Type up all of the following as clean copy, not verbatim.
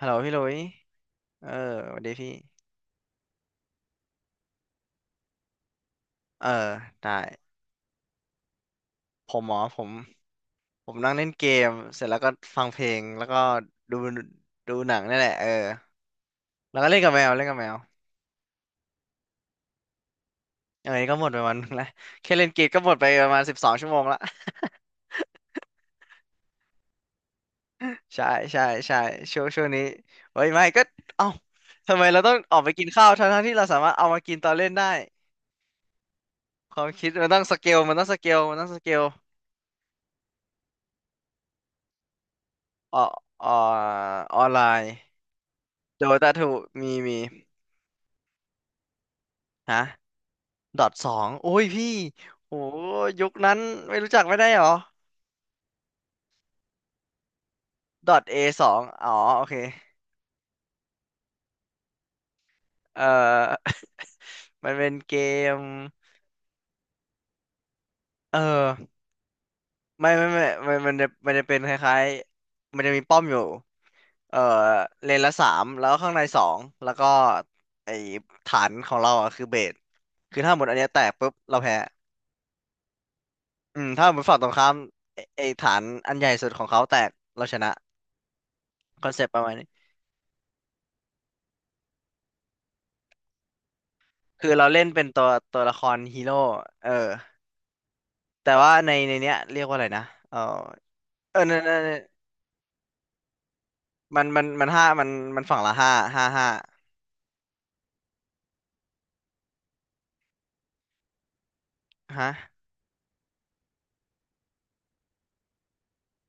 ฮัลโหลพี่หลุยเออสวัสดีพี่เออได้ผมหมอผมผมนั่งเล่นเกมเสร็จแล้วก็ฟังเพลงแล้วก็ดูดูหนังนี่แหละเออแล้วก็เล่นกับแมวเล่นกับแมวเออนี่ก็หมดไปวันหนึงและแค่เล่นเกมก็หมดไปประมาณ12 ชั่วโมงละ ใช่ใช่ใช่ช่วงนี้เฮ้ยไม่ก็เอ้าทำไมเราต้องออกไปกินข้าวทั้งๆที่เราสามารถเอามากินตอนเล่นได้ความคิดมันต้องสเกลมันต้องสเกลมันต้องสเกลออออออนไลน์โดตาถูมีมีฮะ ดอทสองโอ้ยพี่โอ้ยยุคนั้นไม่รู้จักไม่ได้เหรอดอทเอสองอ๋อโอเคเออ มันเป็นเกมเออไม่ไม่ไม่มันจะเป็นคล้ายๆมันจะมีป้อมอยู่เอ่อเลนละสามแล้วข้างในสองแล้วก็ไอฐานของเราอ่ะคือเบสคือถ้าหมดอันเนี้ยแตกปุ๊บเราแพ้ถ้าหมดฝั่งตรงข้ามไอ้ฐานอันใหญ่สุดของเขาแตกเราชนะคอนเซปต์ประมาณนี้คือเราเล่นเป็นตัวละครฮีโร่เออ แต่ว่าในในเนี้ยเรียกว่าอะไรนะเออเออนันนนนนมันห้ามันฝั่งละห้าห้าห้าฮะ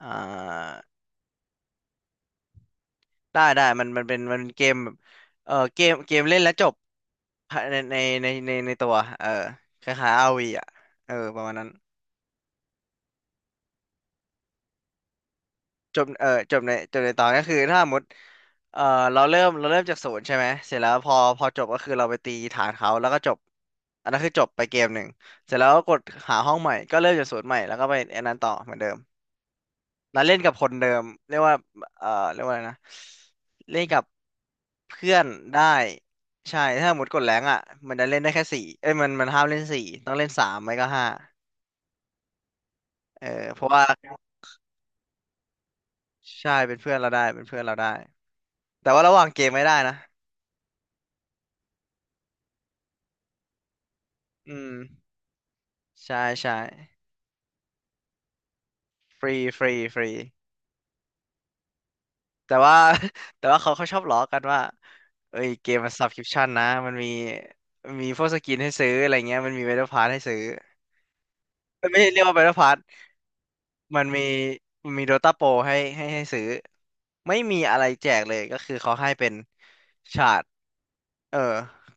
อ่าได้ได้มันเป็นเกมแบบเออเกมเล่นแล้วจบในในในตัวเออคล้ายๆอาร์วีอ่ะเออประมาณนั้นจบจบในจบในตอนก็คือถ้าสมมติเออเราเริ่มจากศูนย์ใช่ไหมเสร็จแล้วพอจบก็คือเราไปตีฐานเขาแล้วก็จบอันนั้นคือจบไปเกมหนึ่งเสร็จแล้วก็กดหาห้องใหม่ก็เริ่มจากศูนย์ใหม่แล้วก็ไปอันนั้นต่อเหมือนเดิม แล้วเล่นกับคนเดิมเรียกว่าเรียกว่าอะไรนะเล่นกับเพื่อนได้ใช่ถ้าหมดกดแรงอ่ะมันจะเล่นได้แค่สี่เอ้ยมันห้ามเล่นสี่ต้องเล่นสามไม่ก็ห้าเออเพราะว่าใช่เป็นเพื่อนเราได้เป็นเพื่อนเราได้แต่ว่าระหว่างเกมไม่ได้นะอืมใช่ใช่ฟรีฟรีฟรีแต่ว่า แต่ว่าเขาชอบล้อกันว่าเอ้ยเกมมัน subscription นะมันมีมีพวกสกินให้ซื้ออะไรเงี้ยมันมี Battle Pass ให้ซื้อมันไม่ได้เรียกว่า Battle Pass มันมีมันมีโดตาโปรให้ซื้อไม่มีอะไรแจกเลยก็คือเขาให้เป็นชาร์ตเออ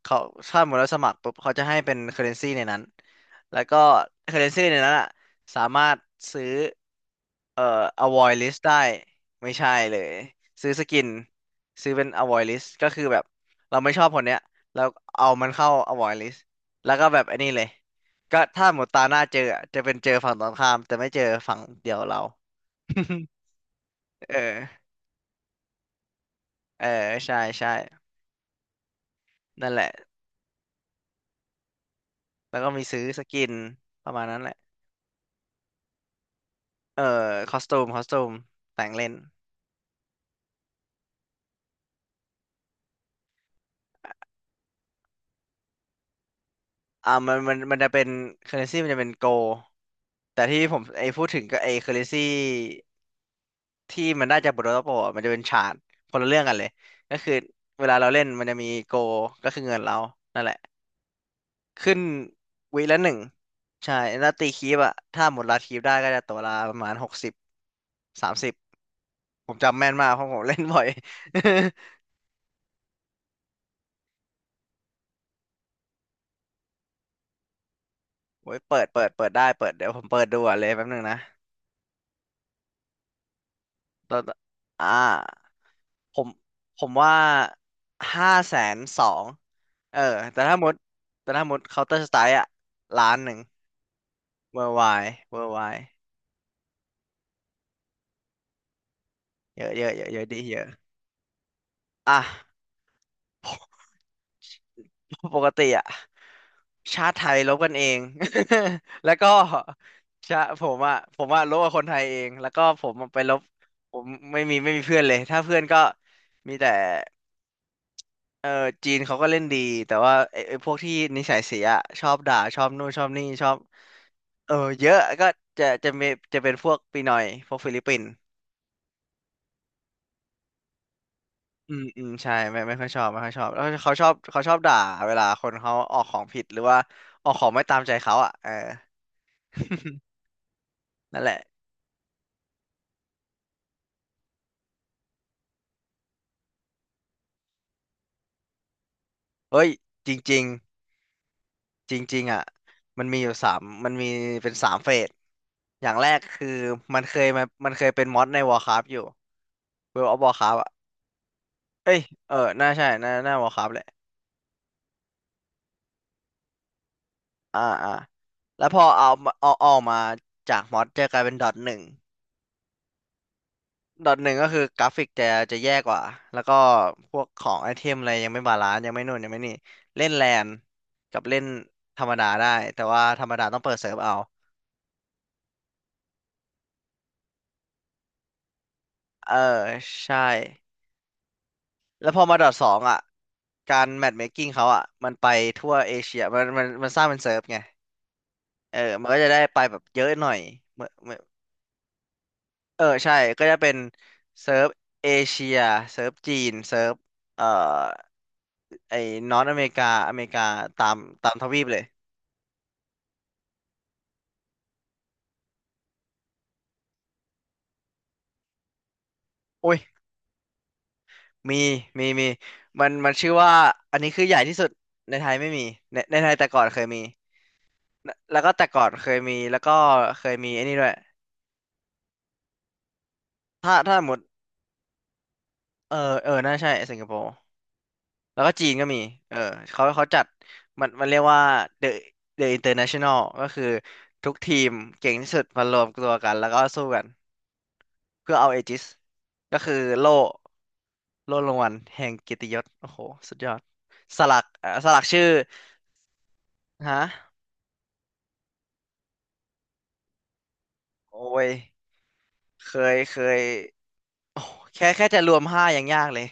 เขาชาร์ตหมดแล้วสมัครปุ๊บเขาจะให้เป็นเคอเรนซีในนั้นแล้วก็เคอเรนซีในนั้นอ่ะสามารถซื้อเอ่อ avoid list ได้ไม่ใช่เลยซื้อสกินซื้อเป็น avoid list ก็คือแบบเราไม่ชอบคนเนี้ยเราเอามันเข้า avoid list แล้วก็แบบไอันนี้เลยก็ถ้าหมดตาหน้าเจออะจะเป็นเจอฝั่งตรงข้ามแต่ไม่เจอฝั่งเดียวเรา เออ เออ ใช่ ใช่ นั่นแหละ แล้วก็มีซื้อสกินประมาณนั้นแหละ เออ คอสตูมคอสตูมแต่งเล่นมันจะเป็นเคอร์เรนซีมันจะเป็นโกแต่ที่ผมไอ้พูดถึงก็ไอ้เคอร์เรนซีที่มันได้จากบทโรโปอะมันจะเป็นชาร์ตคนละเรื่องกันเลย ก็คือเวลาเราเล่น มันจะมีโกก็คือเงินเรา นั่นแหละ ขึ้นวีละหนึ่ง ใช่แล้วตีคีบอะถ้าหมดลาคีบได้ก็จะตัวละประมาณ6030ผมจำแม่นมากเพราะผมเล่นบ่อย โอ้ยเปิดได้เปิดเดี๋ยวผมเปิดดูอ่ะเลยแป๊บนึงนะตอวอ่าผมผมว่า520,000เออแต่ถ้าหมดแต่ถ้าหมดเคาน์เตอร์สไตล์อ่ะ1,100,000เวอร์ไวเวอร์ไวเยอะเยอะเยอะเยอะดีเยอะอ่ะ ปกติอ่ะชาติไทยลบกันเอง แล้วก็ชาผมอ่ะผมอ่ะลบกับคนไทยเองแล้วก็ผมอะไปลบผมไม่มีเพื่อนเลยถ้าเพื่อนก็มีแต่ เออจีนเขาก็เล่นดีแต่ว่าไอ้พวกที่นิสัยเสียอะชอบด่าชอบนู่นชอบนี่ชอบเออเยอะก็จะมีจะเป็นพวกปีนอยพวกฟิลิปปินส์อืมอืมใช่ไม่ค่อยชอบไม่ค่อยชอบแล้วเขาชอบด่าเวลาคนเขาออกของผิดหรือว่าออกของไม่ตามใจเขาอ่ะเออ นั่นแหละเฮ้ยจริงๆจริงๆอ่ะมันมีอยู่สามมันมีเป็นสามเฟสอย่างแรกคือมันเคยเป็นมอดใน Warcraft อยู่ World of Warcraft อ่ะเอ้ยเออน่าใช่น่า Warcraft แหละ อ่าอ่าแล้วพอเอาออกมาจากมอดจะกลายเป็นดอทหนึ่งดอทหนึ่งก็คือกราฟิกจะแย่กว่าแล้วก็พวกของไอเทมอะไรยังไม่บาลานซ์ยังไม่นู่นยังไม่นี่เล่นแลนกับเล่นธรรมดาได้แต่ว่าธรรมดาต้องเปิดเซิร์ฟเอาเออใช่แล้วพอมาดอทสองอ่ะการแมทเมคกิ้งเขาอ่ะมันไปทั่วเอเชียมันสร้างเป็นเซิร์ฟไงเออมันก็จะได้ไปแบบเยอะหน่อยเหมือน เออใช่ก็จะเป็นเซิร์ฟเอเชียเซิร์ฟจีนเซิร์ฟเอ่อไอ้นอร์ทอเมริกาอเมริกาตามตามทวีปเลยโอ้ยมีมีมันมันชื่อว่าอันนี้คือใหญ่ที่สุดในไทยไม่มีในไทยแต่ก่อนเคยมีแล้วก็แต่ก่อนเคยมีแล้วก็เคยมีไอ้นี่ด้วยถ้าสมมติเออเออน่าใช่สิงคโปร์ แล้วก็จีนก็มีเออเขาเขาจัดมันมันเรียกว่า The The International ก็คือทุกทีมเก่งที่สุดมารวมตัวกันแล้วก็สู้กันเพื่อเอาเอจิสก็คือโล่โล่รางวัลแห่งเกียรติยศโอ้โหสุดยอดสลักสลักชื่อฮะโอ้ยเคยโอ้แค่จะรวมห้ายังยากเลย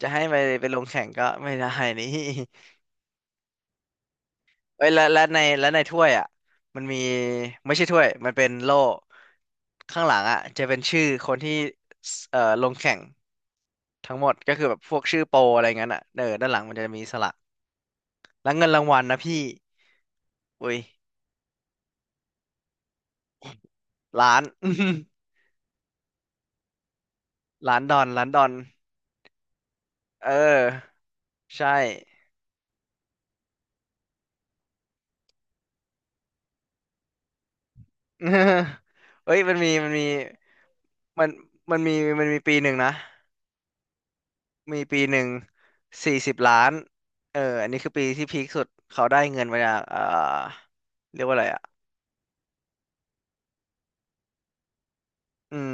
จะให้ไปลงแข่งก็ไม่ได้นี่ เอ้ยแล้วในถ้วยอ่ะมันมีไม่ใช่ถ้วยมันเป็นโล่ข้างหลังอ่ะจะเป็นชื่อคนที่สเอ่อลงแข่งทั้งหมดก็คือแบบพวกชื่อโปรอะไรเงี้ยอ่ะเออด้านหลังมันจะมีสลักแล้วเงินรางวัลนะพี่อุ้ยล้าน ล้านดอนล้านดอนเออใช่ เอ้ยมันมันมีมันมีปีหนึ่งนะ มีปีหนึ่ง40 ล้านเอออันนี้คือปีที่พีคสุดเขาได้เงินมาจากเรียกว่าอะไรอ่ะอืม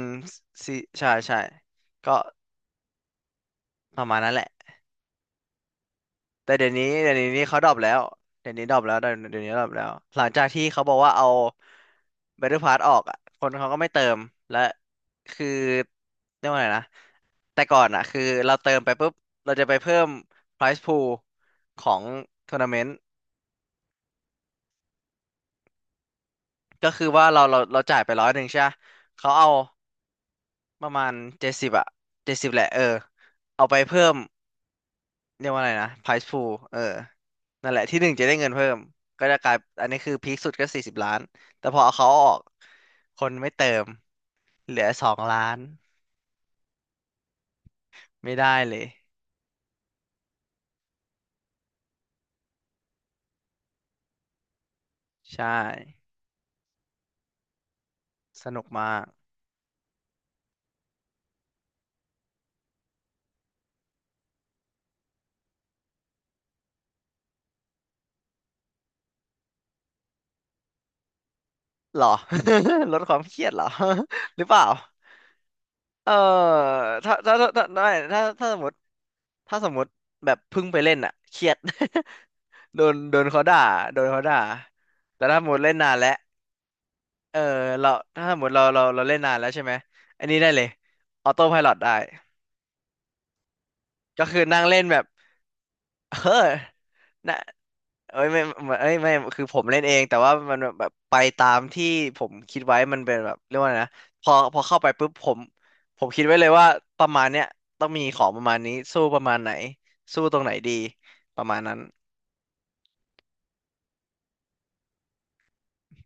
สี่ใช่ใช่ก็ประมาณนั้นแหละแต่เดี๋ยวนี้เขาดรอปแล้วเดี๋ยวนี้ดรอปแล้วเดี๋ยวนี้ดรอปแล้วหลังจากที่เขาบอกว่าเอา Battle Pass ออกอ่ะคนเขาก็ไม่เติมและคือเรียกว่าอะไรนะแต่ก่อนอ่ะคือเราเติมไปปุ๊บเราจะไปเพิ่ม prize pool ของทัวร์นาเมนต์ ก็คือว่าเราจ่ายไป100ใช่ปะเขาเอาประมาณเจ็ดสิบอะเจ็ดสิบแหละเออเอาไปเพิ่มเรียกว่าอะไรนะ price pool เออนั่นแหละที่หนึ่งจะได้เงินเพิ่มก็จะกลายอันนี้คือพีคสุดก็สี่สิบล้านแต่พอเอาเขาออกคนไม่เติมเหลือ2 ล้านไม่ได้เลยใช่สนุกมากหรอ ลดความเครียดเหรอ หรือเปล่าเออถ้าถ้าถ้าถ้าไม่ถ้าสมมติ ถ้าสมมติแบบเพิ่งไปเล่นอ่ะเครียด โดนเขาด่าโดนเขาด่าแต่ถ้าสมมติเล่นนานแล้วเออเราถ้าสมมติเราเล่นนานแล้วใช่ไหมอันนี้ได้เลยออโต้ไพลอตได้ก็คือนั่งเล่นแบบ เออนะเอ้ยไม่เอ้ยไม่คือผมเล่นเองแต่ว่ามันแบบไปตามที่ผมคิดไว้มันเป็นแบบเรียกว่าไงนะพอเข้าไปปุ๊บผมคิดไว้เลยว่าประมาณเนี้ยต้องมีของประมาณนี้สู้ประมาณไหนสู้ตรงไหนดีประมาณนั้น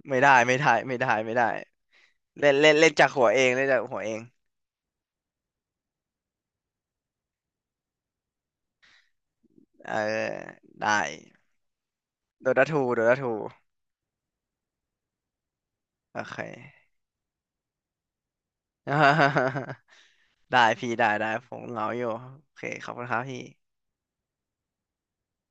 ไม่ได้ไม่ได้ไม่ได้ไม่ได้เล่นเล่นเล่นจากหัวเองเล่นจากหัวเองเออได้โดดาทูโดดาทูโอเค ได้พี่ได้ได้ผมเหงาอยู่โอเคขอบคุณครับพี่